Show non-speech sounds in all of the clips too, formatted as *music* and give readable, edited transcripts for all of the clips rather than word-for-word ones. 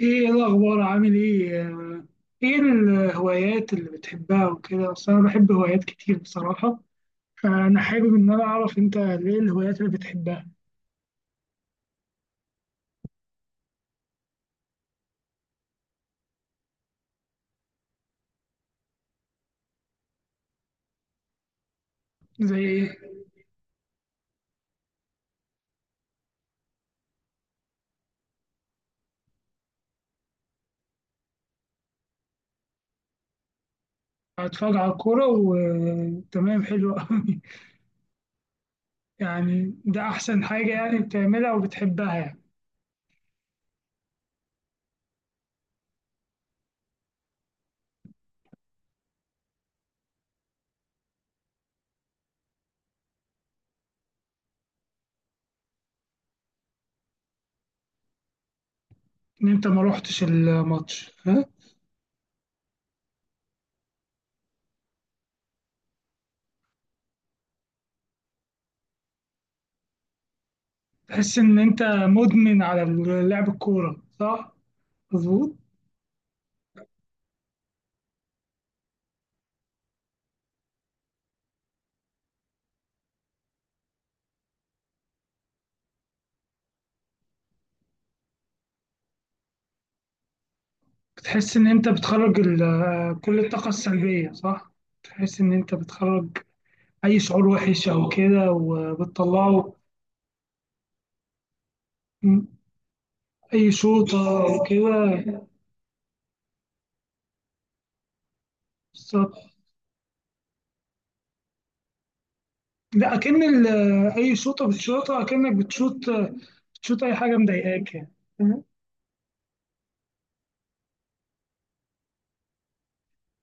إيه الاخبار، عامل ايه؟ ايه الهوايات اللي بتحبها وكده؟ اصل انا بحب هوايات كتير بصراحه، فانا حابب ان انا اعرف انت ايه الهوايات اللي بتحبها. زي ايه؟ اتفرج على الكوره؟ وتمام، حلو قوي. *laughs* يعني ده احسن حاجه يعني بتعملها وبتحبها يعني؟ ان انت ما روحتش الماتش، ها؟ تحس ان انت مدمن على لعب الكوره، صح؟ مظبوط. بتحس ان انت بتخرج كل الطاقه السلبيه، صح؟ تحس ان انت بتخرج أي شعور وحش أو كده، وبتطلعه. أي شوطة أو كده. بالظبط. لا، أكن أي شوطة بتشوطها أكنك بتشوط أي حاجة مضايقاك يعني. فاهم؟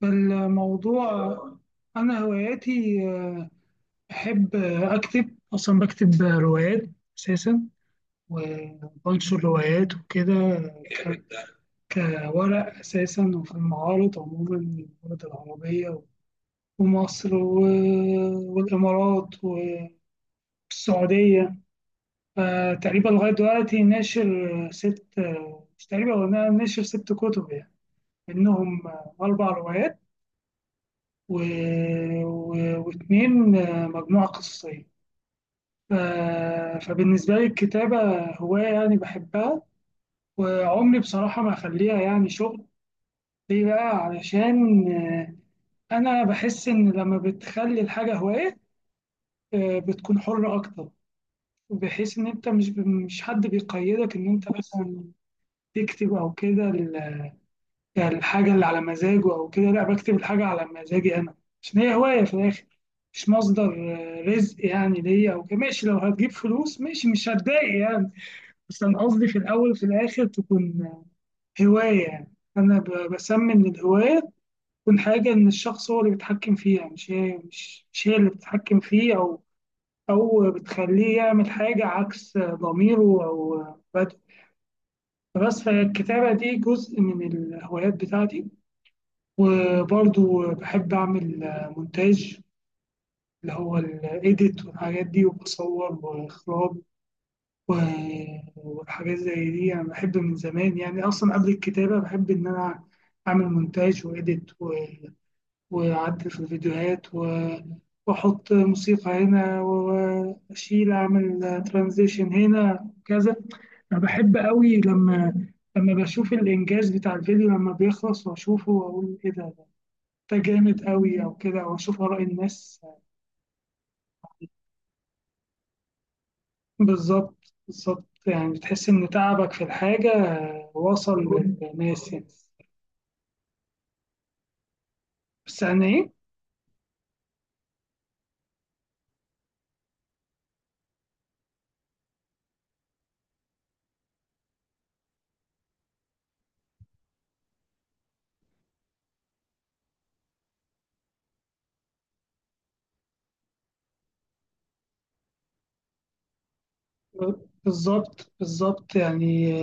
فالموضوع. أنا هواياتي، بحب، أكتب، أصلا بكتب روايات أساسا، وبنشر روايات وكده. ك- كورق أساسا، وفي المعارض عموما، المعارض العربية، ومصر والإمارات والسعودية. تقريبا لغاية دلوقتي ناشر ست، مش تقريبا، هو ناشر ست كتب يعني، منهم أربع روايات، و... و... واتنين، مجموعة قصصية. ف... فبالنسبة لي الكتابة هواية يعني بحبها، وعمري بصراحة ما أخليها يعني شغل. ليه بقى؟ علشان، أنا بحس إن لما بتخلي الحاجة هواية، بتكون حرة أكتر، بحيث ان انت مش حد بيقيدك ان انت مثلا تكتب او كده. يعني الحاجه اللي على مزاجه او كده، لا، بكتب الحاجه على مزاجي انا، عشان هي هوايه في الاخر. مش مصدر، رزق يعني ليا او كده، ماشي. لو هتجيب فلوس، ماشي، مش هتضايق يعني، بس انا قصدي في الاول وفي الاخر تكون هوايه. يعني انا بسمي ان الهوايه تكون حاجه ان الشخص هو اللي بيتحكم فيها، مش هي اللي بتتحكم فيه، او او بتخليه يعمل حاجه عكس، ضميره، او، آه، بس. فالكتابة دي جزء من الهوايات بتاعتي، وبرضو بحب أعمل مونتاج، اللي هو الإيديت والحاجات دي، وبصور وإخراج، و- وحاجات زي دي. أنا بحب من زمان يعني، أصلا قبل الكتابة بحب إن أنا أعمل مونتاج وإيديت، وأعدل في الفيديوهات، وأحط موسيقى هنا، وأشيل، أعمل ترانزيشن هنا كذا. أنا بحب قوي لما، لما بشوف الإنجاز بتاع الفيديو لما بيخلص، وأشوفه وأقول إيه ده، ده جامد قوي أو كده، أو أشوف آراء الناس. بالظبط، بالظبط، يعني بتحس إن تعبك في الحاجة وصل للناس يعني. بس يعني إيه. بالظبط، بالظبط، يعني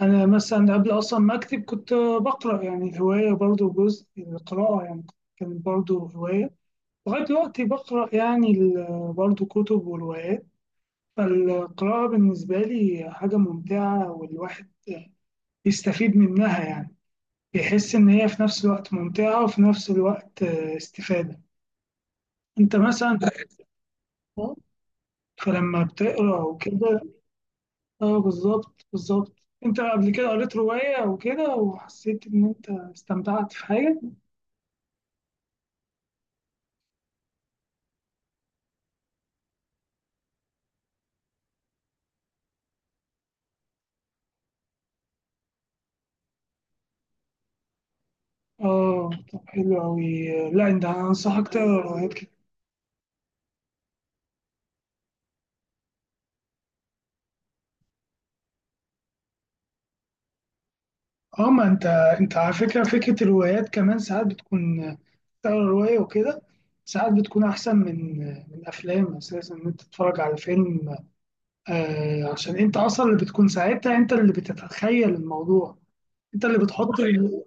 أنا مثلا قبل أصلا ما أكتب كنت بقرأ، يعني الهواية برضو جزء من القراءة يعني، كانت برضو هواية. لغاية دلوقتي بقرأ يعني برضو كتب وروايات، فالقراءة بالنسبة لي حاجة ممتعة، والواحد بيستفيد منها يعني. بيحس إن هي في نفس الوقت ممتعة، وفي نفس الوقت، استفادة. أنت مثلا فلما بتقرأ وكده. اه، بالظبط، بالظبط. أنت قبل كده قريت رواية وكده وحسيت إن أنت استمتعت في حاجة؟ اه، طب حلو أوي. لا أنت، أنصحك تقرا روايات كده. اه، ما أنت، أنت على فكرة الروايات كمان ساعات بتكون، تقرا رواية وكده، ساعات بتكون أحسن من أفلام أساسا، إن أنت تتفرج على فيلم، عشان أنت أصلا اللي بتكون ساعتها، أنت اللي بتتخيل الموضوع، أنت اللي بتحط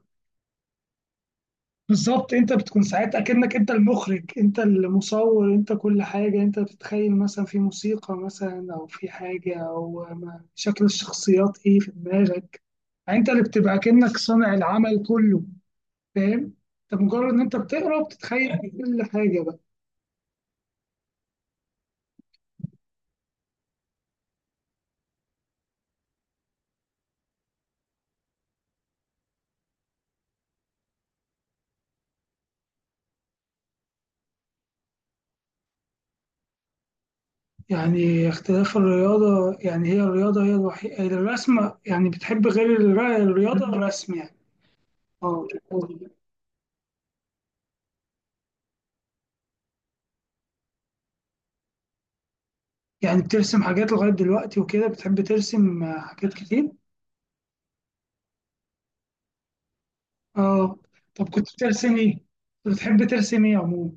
بالظبط. أنت بتكون ساعتها كأنك أنت المخرج، أنت المصور، أنت كل حاجة. أنت بتتخيل مثلا في موسيقى، مثلا أو في حاجة، أو شكل الشخصيات إيه في دماغك. يعني انت اللي بتبقى كأنك صانع العمل كله، فاهم؟ انت مجرد ان انت بتقرا، بتتخيل كل حاجه بقى. يعني اختلاف الرياضه، يعني هي الرياضه هي الوحيده، الرسم. يعني بتحب غير الرياضه الرسم يعني؟ اه، يعني بترسم حاجات لغايه دلوقتي وكده، بتحب ترسم، حاجات كتير؟ اه، طب كنت بترسم ايه؟ كنت بتحب ترسم ايه عموما؟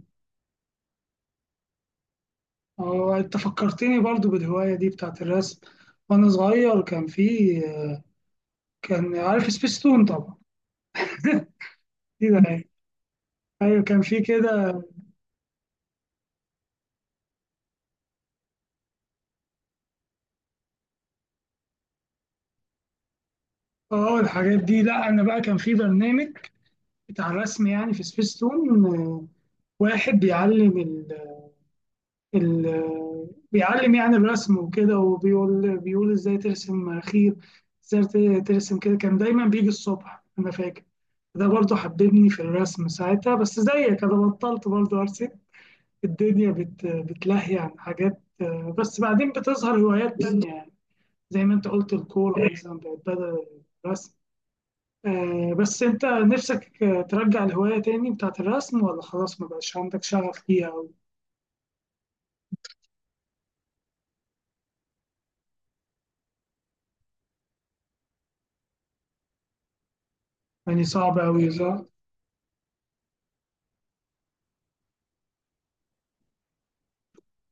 اه، انت فكرتني برضو بالهوايه دي بتاعت الرسم. وانا صغير كان في، كان عارف سبيستون؟ طبعا. ايوه كان في كده. اه الحاجات دي. لا انا بقى، كان في برنامج بتاع رسم يعني في سبيستون، واحد بيعلم بيعلم يعني الرسم وكده، وبيقول ازاي ترسم خير، ازاي ترسم كده. كان دايما بيجي الصبح، انا فاكر. ده برضه حببني في الرسم ساعتها، بس زيك انا بطلت برضه ارسم. الدنيا بتلهي عن حاجات، بس بعدين بتظهر هوايات تانية يعني، زي ما انت قلت الكورة مثلا بقت بدل الرسم. بس انت نفسك، ترجع الهواية تاني بتاعت الرسم، ولا خلاص ما بقاش عندك شغف ليها أو؟ يعني صعب أوي، صح؟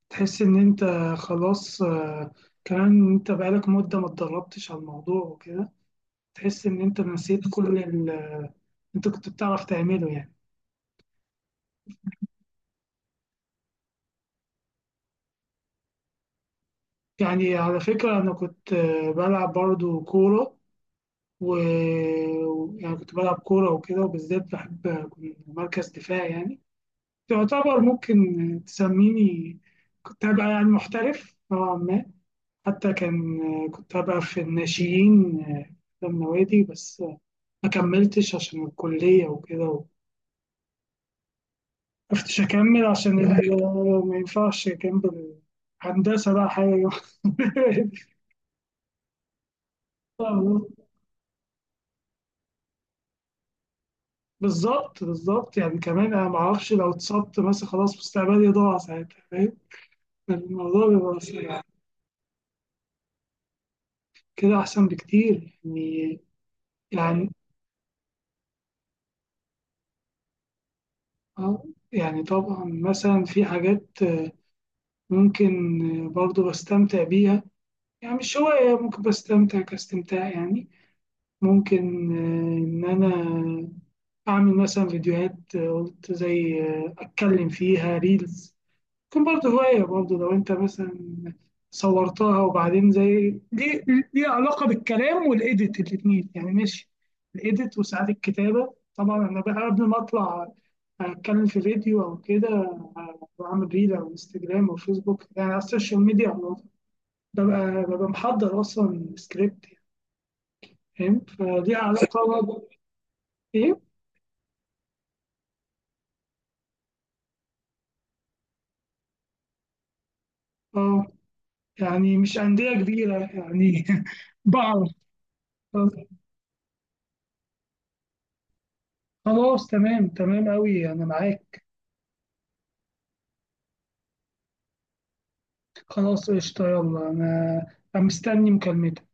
تحس إن انت خلاص، كمان انت بقالك مدة ما اتدربتش على الموضوع وكده، تحس إن انت نسيت كل اللي انت كنت بتعرف تعمله يعني. يعني على فكرة، أنا كنت، بلعب برضو كورة، و يعني كنت بلعب كورة وكده، وبالذات بحب أكون مركز دفاع يعني. يعتبر، ممكن تسميني كنت هبقى يعني محترف نوعا ما. حتى كان، كنت هبقى في الناشئين في النوادي، بس ما كملتش عشان الكلية وكده. وقفتش أكمل عشان *laughs* ما ينفعش جنب الهندسة بقى حاجة. *laughs* بالظبط، بالظبط، يعني كمان أنا معرفش لو اتصبت مثلا خلاص مستقبلي ضاع ساعتها، فاهم؟ الموضوع بيبقى يعني، كده أحسن بكتير يعني. يعني، آه، يعني طبعا مثلا في حاجات، ممكن، برضو بستمتع بيها، يعني مش هواية، ممكن بستمتع كاستمتاع يعني. ممكن، إن أنا أعمل مثلا فيديوهات، قلت زي، أتكلم فيها ريلز. كان برضه هواية برضه، لو أنت مثلا صورتها، وبعدين زي ليه، ليه علاقة بالكلام والإيديت الاتنين يعني، ماشي، الإيديت وساعات الكتابة. طبعا أنا بقى قبل ما أطلع أتكلم في فيديو أو كده، بعمل ريل على انستجرام أو فيسبوك يعني على السوشيال ميديا عموما. ببقى محضر أصلا سكريبت، فاهم؟ فليها علاقة برضه- إيه؟ آه، يعني مش أندية كبيرة يعني. *laughs* بعض. خلاص، تمام، تمام أوي، أنا معاك. خلاص قشطة، يلا، أنا مستني مكالمتك.